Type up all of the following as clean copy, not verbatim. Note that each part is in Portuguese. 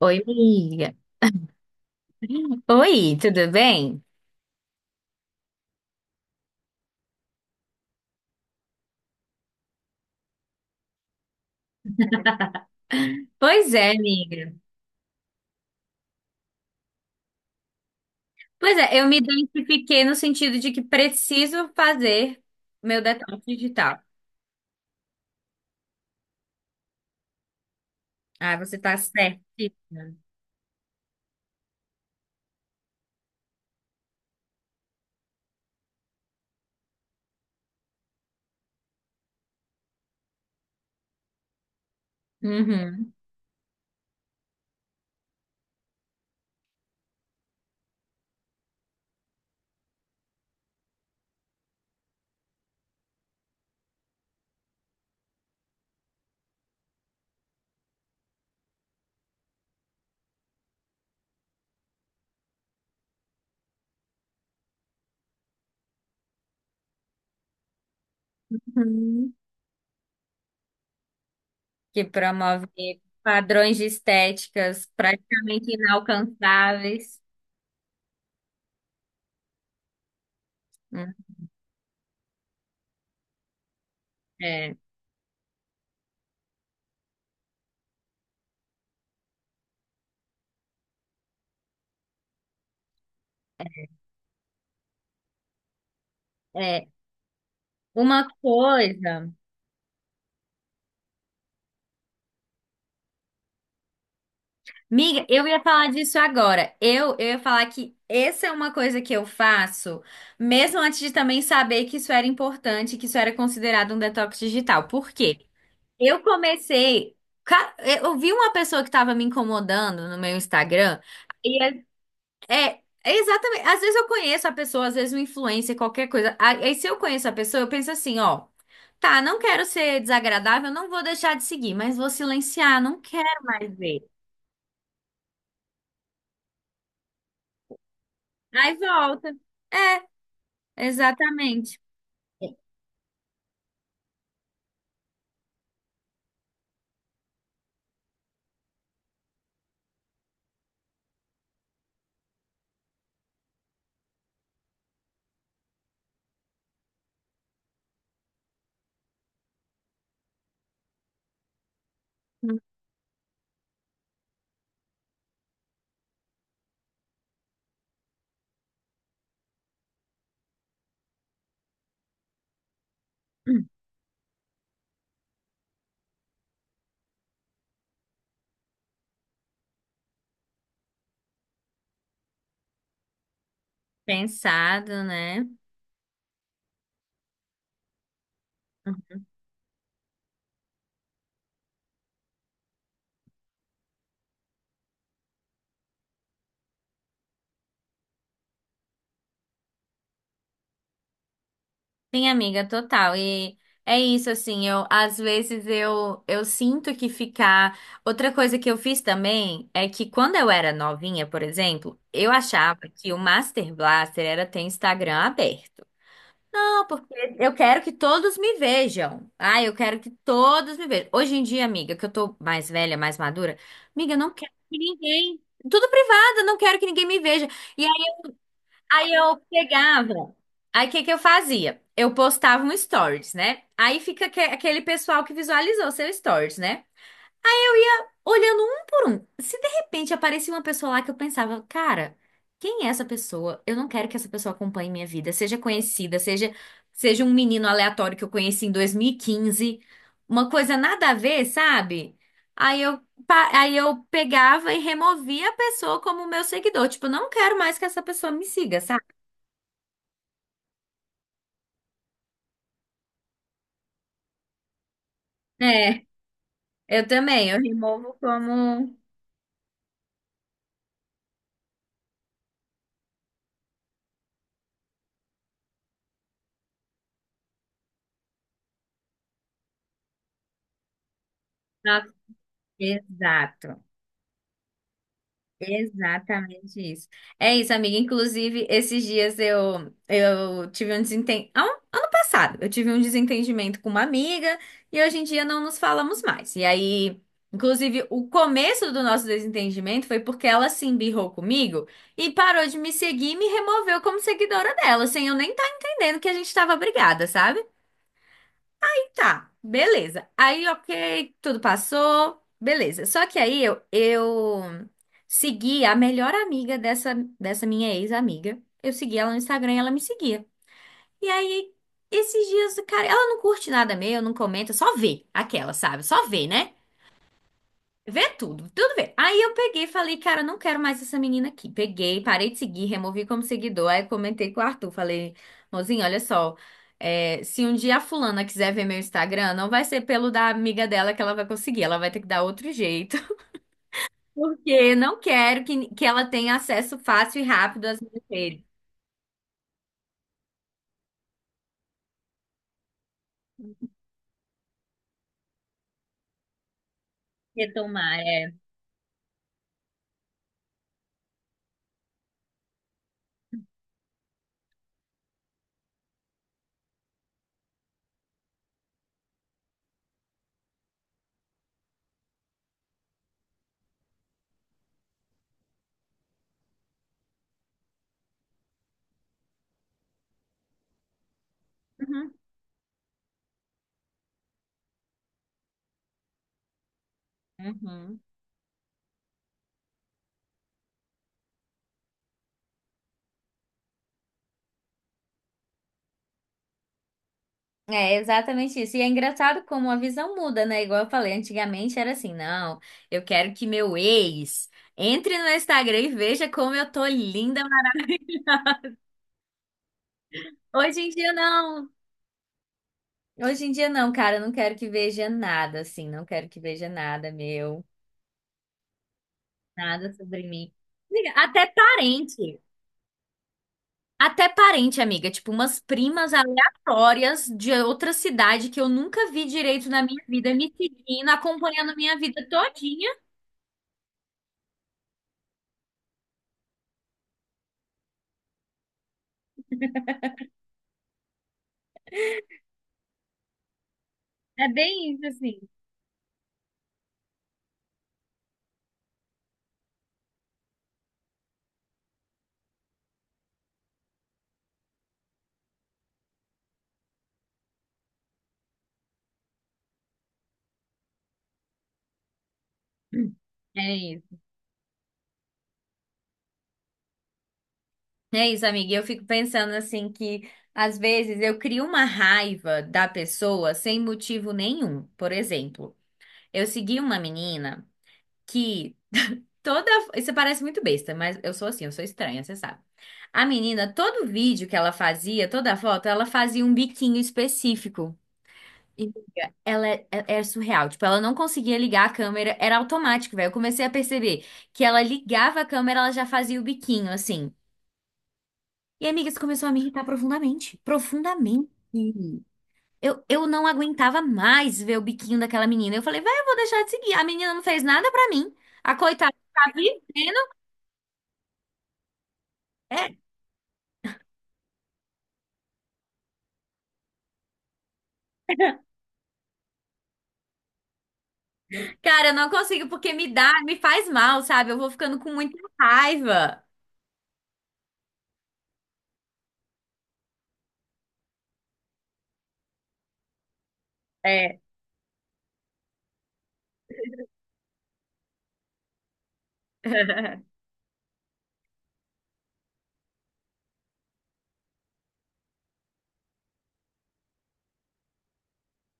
Oi, amiga. Oi, tudo bem? Pois é, amiga. Pois é, eu me identifiquei no sentido de que preciso fazer meu detox digital. Ah, você tá certíssima. Uhum. Uhum. Que promove padrões de estéticas praticamente inalcançáveis. Hum, É, é. Uma coisa. Miga, eu ia falar disso agora. Eu ia falar que essa é uma coisa que eu faço, mesmo antes de também saber que isso era importante, que isso era considerado um detox digital. Por quê? Eu comecei. Eu vi uma pessoa que estava me incomodando no meu Instagram. E é, é exatamente. Às vezes eu conheço a pessoa, às vezes um influencer, qualquer coisa. Aí se eu conheço a pessoa, eu penso assim, ó. Tá, não quero ser desagradável, não vou deixar de seguir, mas vou silenciar, não quero mais ver. Aí volta. É, exatamente. Pensado, né? Sim, amiga, total. E é isso, assim, eu às vezes eu sinto que ficar. Outra coisa que eu fiz também é que quando eu era novinha, por exemplo, eu achava que o Master Blaster era ter Instagram aberto. Não, porque eu quero que todos me vejam. Ah, eu quero que todos me vejam. Hoje em dia, amiga, que eu tô mais velha, mais madura, amiga, eu não quero que ninguém. Tudo privado, eu não quero que ninguém me veja. E aí, aí eu pegava. Aí o que que eu fazia? Eu postava um stories, né? Aí fica aquele pessoal que visualizou seu stories, né? Ia olhando um por um. Se de repente aparecia uma pessoa lá que eu pensava, cara, quem é essa pessoa? Eu não quero que essa pessoa acompanhe minha vida, seja conhecida, seja um menino aleatório que eu conheci em 2015, uma coisa nada a ver, sabe? Aí eu aí eu pegava e removia a pessoa como meu seguidor, tipo, não quero mais que essa pessoa me siga, sabe? É, eu também, eu removo como Ah, exato. Exatamente isso. É isso, amiga. Inclusive, esses dias eu tive um desentendimento. Ano passado, eu tive um desentendimento com uma amiga e hoje em dia não nos falamos mais. E aí, inclusive, o começo do nosso desentendimento foi porque ela se embirrou comigo e parou de me seguir e me removeu como seguidora dela, sem eu nem estar entendendo que a gente estava brigada, sabe? Tá, beleza. Aí, ok, tudo passou, beleza. Só que aí eu segui a melhor amiga dessa minha ex-amiga. Eu segui ela no Instagram e ela me seguia. E aí, esses dias, cara, ela não curte nada meu, não comenta, só vê aquela, sabe? Só vê, né? Vê tudo, tudo vê. Aí eu peguei e falei, cara, eu não quero mais essa menina aqui. Peguei, parei de seguir, removi como seguidor. Aí comentei com o Arthur, falei, mozinho, olha só, é, se um dia a fulana quiser ver meu Instagram, não vai ser pelo da amiga dela que ela vai conseguir, ela vai ter que dar outro jeito. Porque não quero que ela tenha acesso fácil e rápido às minhas redes. Retomar, é. Uhum, uhum. É exatamente isso. E é engraçado como a visão muda, né? Igual eu falei, antigamente era assim, não, eu quero que meu ex entre no Instagram e veja como eu tô linda. Mas hoje em dia não. Hoje em dia não, cara, eu não quero que veja nada, assim, não quero que veja nada meu, nada sobre mim. Amiga, até parente, até parente, amiga, tipo umas primas aleatórias de outra cidade que eu nunca vi direito na minha vida, me seguindo, acompanhando minha vida todinha. É bem isso, assim. Hum. É isso. É isso, amiga. E eu fico pensando assim que às vezes eu crio uma raiva da pessoa sem motivo nenhum. Por exemplo, eu segui uma menina que toda. Isso parece muito besta, mas eu sou assim, eu sou estranha, você sabe. A menina, todo vídeo que ela fazia, toda foto, ela fazia um biquinho específico. E, amiga, ela é, é surreal. Tipo, ela não conseguia ligar a câmera, era automático, velho. Eu comecei a perceber que ela ligava a câmera, ela já fazia o biquinho, assim. E, amiga, isso começou a me irritar profundamente. Profundamente. Eu não aguentava mais ver o biquinho daquela menina. Eu falei, vai, eu vou deixar de seguir. A menina não fez nada pra mim. A coitada tá vivendo. É, cara, eu não consigo porque me dá, me faz mal, sabe? Eu vou ficando com muita raiva. É.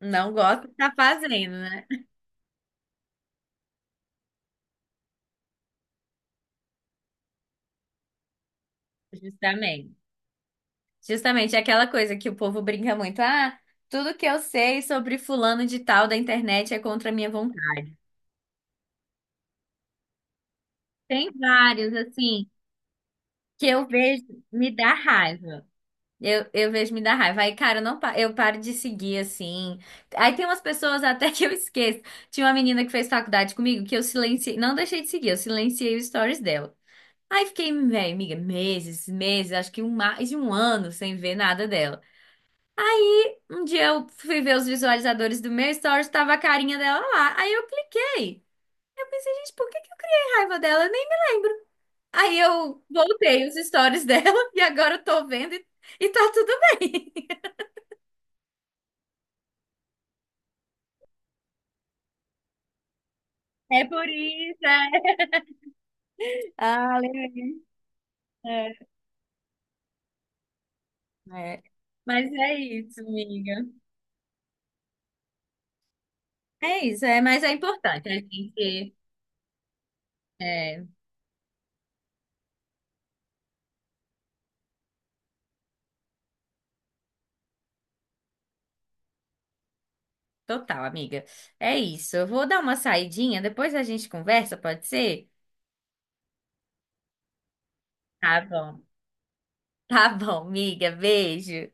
Não gosto de tá fazendo, né? Justamente. Justamente é aquela coisa que o povo brinca muito. Ah, tudo que eu sei sobre fulano de tal da internet é contra a minha vontade. Tem vários, assim. Que eu vejo me dá raiva. Eu vejo me dá raiva. Aí, cara, eu não, eu paro de seguir assim. Aí tem umas pessoas até que eu esqueço. Tinha uma menina que fez faculdade comigo que eu silenciei, não deixei de seguir, eu silenciei os stories dela. Aí fiquei, velho, amiga, meses, meses, acho que um, mais de um ano sem ver nada dela. Um dia eu fui ver os visualizadores do meu stories, tava a carinha dela lá. Aí eu cliquei. Eu pensei, gente, por que que eu criei raiva dela? Eu nem me lembro. Aí eu voltei os stories dela e agora eu tô vendo e tá tudo bem. É por isso, é. Ah, lembrei. É. É. Mas é isso, amiga. É isso, é, mas é importante a gente. É, total, amiga. É isso. Eu vou dar uma saidinha, depois a gente conversa, pode ser? Tá bom. Tá bom, amiga. Beijo.